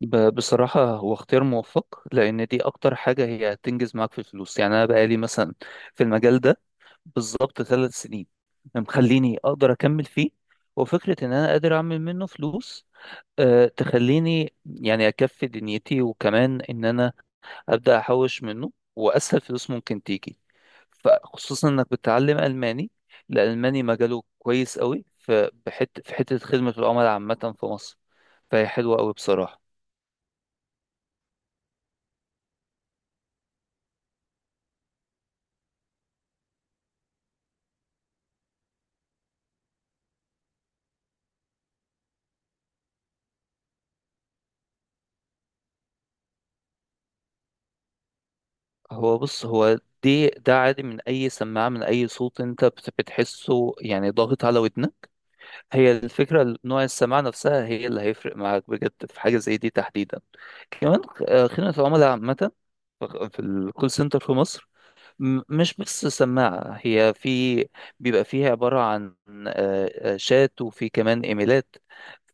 بصراحة هو اختيار موفق لأن دي أكتر حاجة هي هتنجز معاك في الفلوس. يعني أنا بقالي مثلا في المجال ده بالظبط 3 سنين مخليني أقدر أكمل فيه، وفكرة إن أنا قادر أعمل منه فلوس أه تخليني يعني أكفي دنيتي، وكمان إن أنا أبدأ أحوش منه وأسهل فلوس ممكن تيجي. فخصوصا إنك بتتعلم ألماني، الألماني مجاله كويس قوي في في حتة خدمة العملاء عامة في مصر، فهي حلوة قوي بصراحة. هو بص، هو دي ده عادي من اي سماعه، من اي صوت انت بتحسه يعني ضاغط على ودنك. هي الفكره نوع السماعه نفسها هي اللي هيفرق معاك بجد في حاجه زي دي تحديدا. كمان خدمه العملاء عامه، في الكول سنتر في مصر. مش بس سماعة، هي في بيبقى فيها عبارة عن شات وفي كمان إيميلات.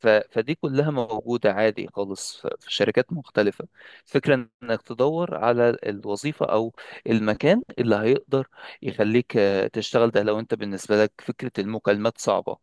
فدي كلها موجودة عادي خالص في شركات مختلفة. فكرة إنك تدور على الوظيفة أو المكان اللي هيقدر يخليك تشتغل، ده لو أنت بالنسبة لك فكرة المكالمات صعبة.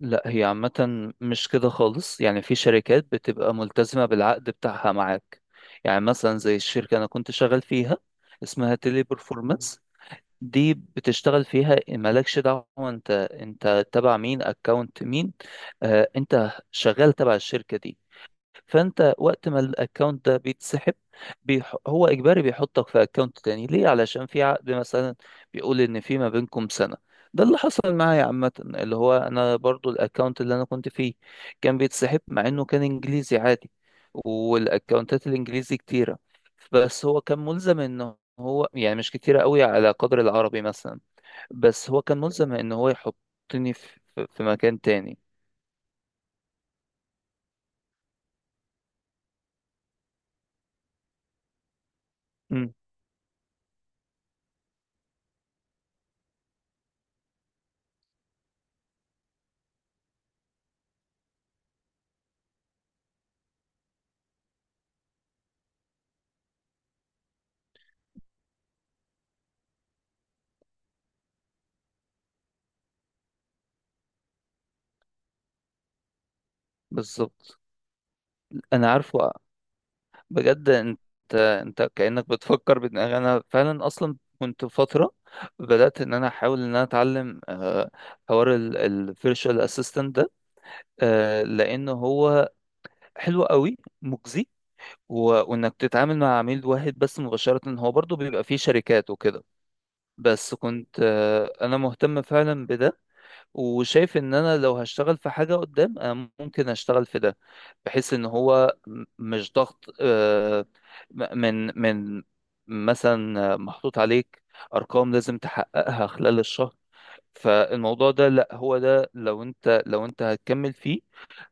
لا، هي عامة مش كده خالص، يعني في شركات بتبقى ملتزمة بالعقد بتاعها معاك. يعني مثلا زي الشركة أنا كنت شغال فيها، اسمها تيلي برفورمانس، دي بتشتغل فيها مالكش دعوة انت تبع مين، اكونت مين. آه، انت شغال تبع الشركة دي، فانت وقت ما الاكونت ده بيتسحب هو اجباري بيحطك في اكونت تاني، ليه؟ علشان في عقد مثلا بيقول ان في ما بينكم سنة. ده اللي حصل معايا عامة، اللي هو انا برضو الاكونت اللي انا كنت فيه كان بيتسحب مع انه كان انجليزي عادي. والاكونتات الانجليزي كتيرة، بس هو كان ملزم ان هو يعني مش كتيرة قوي على قدر العربي مثلا. بس هو كان ملزم ان هو يحطني في، في مكان تاني. مم، بالظبط. انا عارفه. بجد انت، انت كأنك بتفكر بدماغي، انا فعلا اصلا كنت فترة بدأت ان انا احاول ان انا اتعلم حوار الفيرشوال اسيستنت ده. لان هو حلو قوي، مجزي، وانك تتعامل مع عميل واحد بس مباشرة، هو برضو بيبقى فيه شركات وكده. بس كنت انا مهتم فعلا بده، وشايف ان انا لو هشتغل في حاجة قدام انا ممكن اشتغل في ده، بحيث ان هو مش ضغط، من مثلا محطوط عليك ارقام لازم تحققها خلال الشهر. فالموضوع ده لا، هو ده لو انت هتكمل فيه،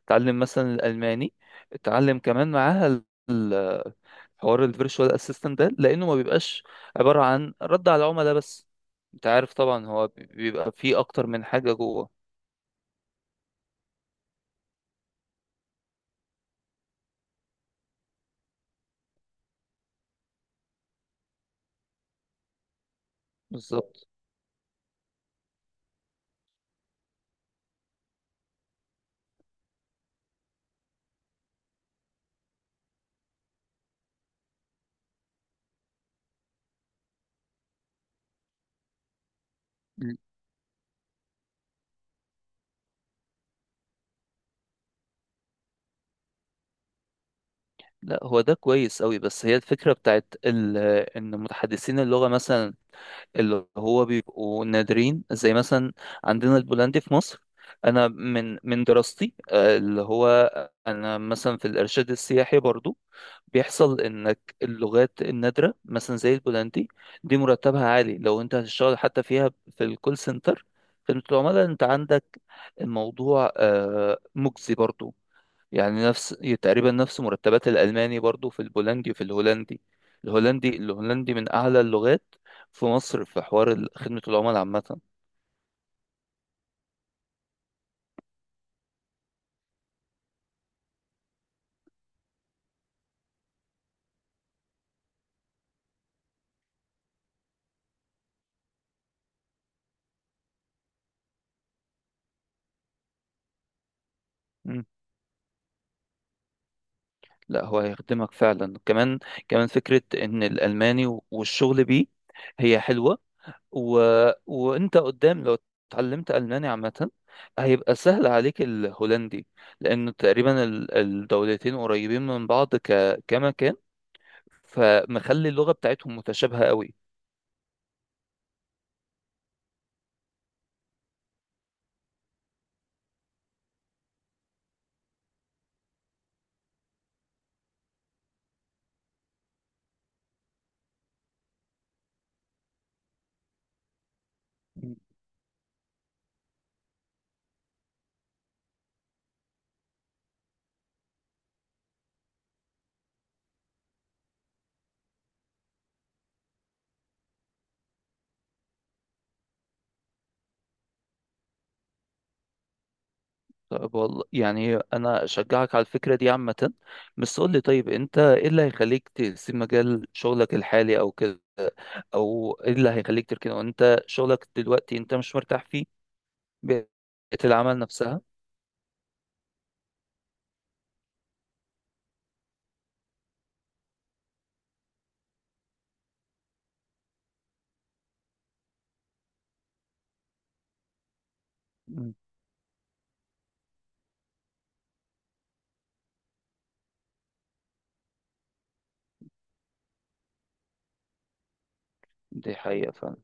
اتعلم مثلا الالماني، اتعلم كمان معاها ال- حوار الفيرتشوال اسيستنت ده، لانه ما بيبقاش عبارة عن رد على العملاء بس، انت عارف طبعا هو بيبقى فيه اكتر من حاجة جوه. بالظبط. لا، هو ده كويس قوي، بس هي الفكرة بتاعت ال... ان متحدثين اللغة مثلا اللي هو بيبقوا نادرين، زي مثلا عندنا البولندي في مصر. انا من دراستي، اللي هو انا مثلا في الارشاد السياحي برضو، بيحصل انك اللغات النادرة مثلا زي البولندي دي مرتبها عالي، لو انت هتشتغل حتى فيها في الكول سنتر، خدمة العملاء انت عندك الموضوع مجزي برضو، يعني نفس، تقريبا نفس مرتبات الألماني برضو في البولندي وفي الهولندي. الهولندي، الهولندي من أعلى اللغات في مصر في حوار خدمة العملاء عامة. مم. لا، هو هيخدمك فعلا. كمان، كمان فكرة إن الألماني والشغل بيه هي حلوة، و... وأنت قدام لو اتعلمت ألماني عامة هيبقى سهل عليك الهولندي، لأن تقريبا الدولتين قريبين من بعض كمكان، فمخلي اللغة بتاعتهم متشابهة قوي. طيب، والله يعني انا اشجعك على الفكره دي عامه، بس قول لي طيب، انت ايه اللي هيخليك تسيب مجال شغلك الحالي او كده، او ايه اللي هيخليك تركنه وانت شغلك دلوقتي انت مش مرتاح فيه؟ بيئه العمل نفسها. مم. دي حقيقه فعلا.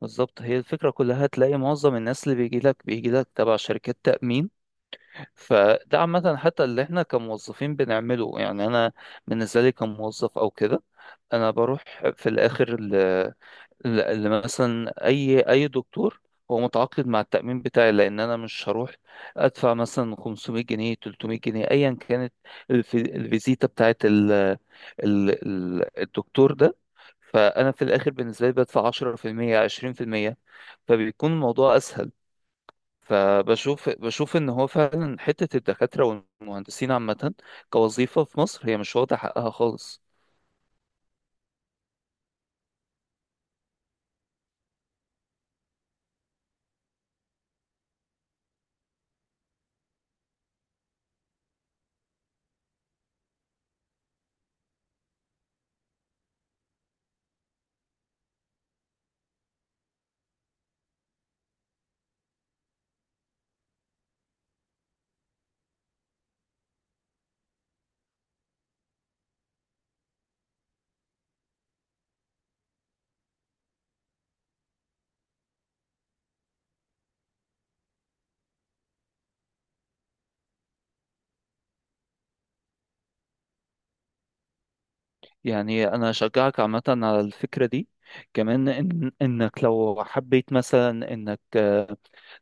بالظبط، هي الفكره كلها تلاقي معظم الناس اللي بيجي لك تبع شركات تامين. فده عامه حتى اللي احنا كموظفين بنعمله، يعني انا بالنسبه لي كموظف او كده، انا بروح في الاخر اللي مثلا اي دكتور هو متعاقد مع التأمين بتاعي، لان انا مش هروح ادفع مثلا 500 جنيه 300 جنيه ايا كانت الف- الفيزيتا بتاعت ال الدكتور ده. فانا في الاخر بالنسبة لي بدفع 10% 20%، فبيكون الموضوع اسهل. فبشوف ان هو فعلا حتة الدكاترة والمهندسين عامة كوظيفة في مصر هي مش واخدة حقها خالص. يعني انا اشجعك عامه على الفكره دي. كمان إن انك لو حبيت مثلا انك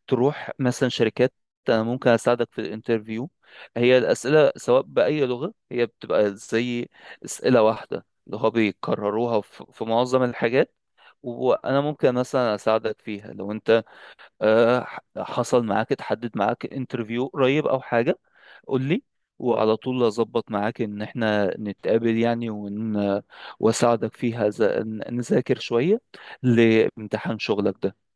تروح مثلا شركات، انا ممكن اساعدك في الانترفيو. هي الاسئله سواء باي لغه هي بتبقى زي اسئله واحده اللي هو بيكرروها في معظم الحاجات، وانا ممكن مثلا اساعدك فيها. لو انت حصل معاك، اتحدد معاك انترفيو قريب او حاجة، قول لي وعلى طول اظبط معاك ان احنا نتقابل، يعني واساعدك فيها، نذاكر شوية لامتحان شغلك ده.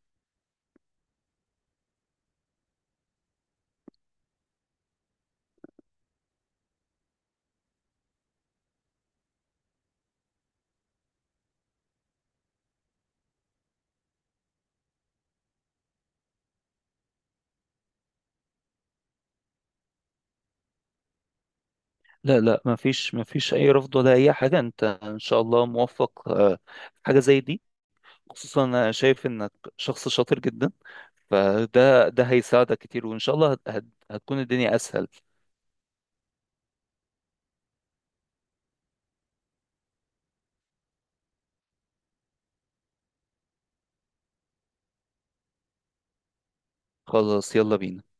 لا لا، ما فيش اي رفض ولا اي حاجة، انت ان شاء الله موفق في حاجة زي دي. خصوصا انا شايف انك شخص شاطر جدا، فده، ده هيساعدك كتير، وان شاء الله هتكون الدنيا اسهل. خلاص، يلا بينا.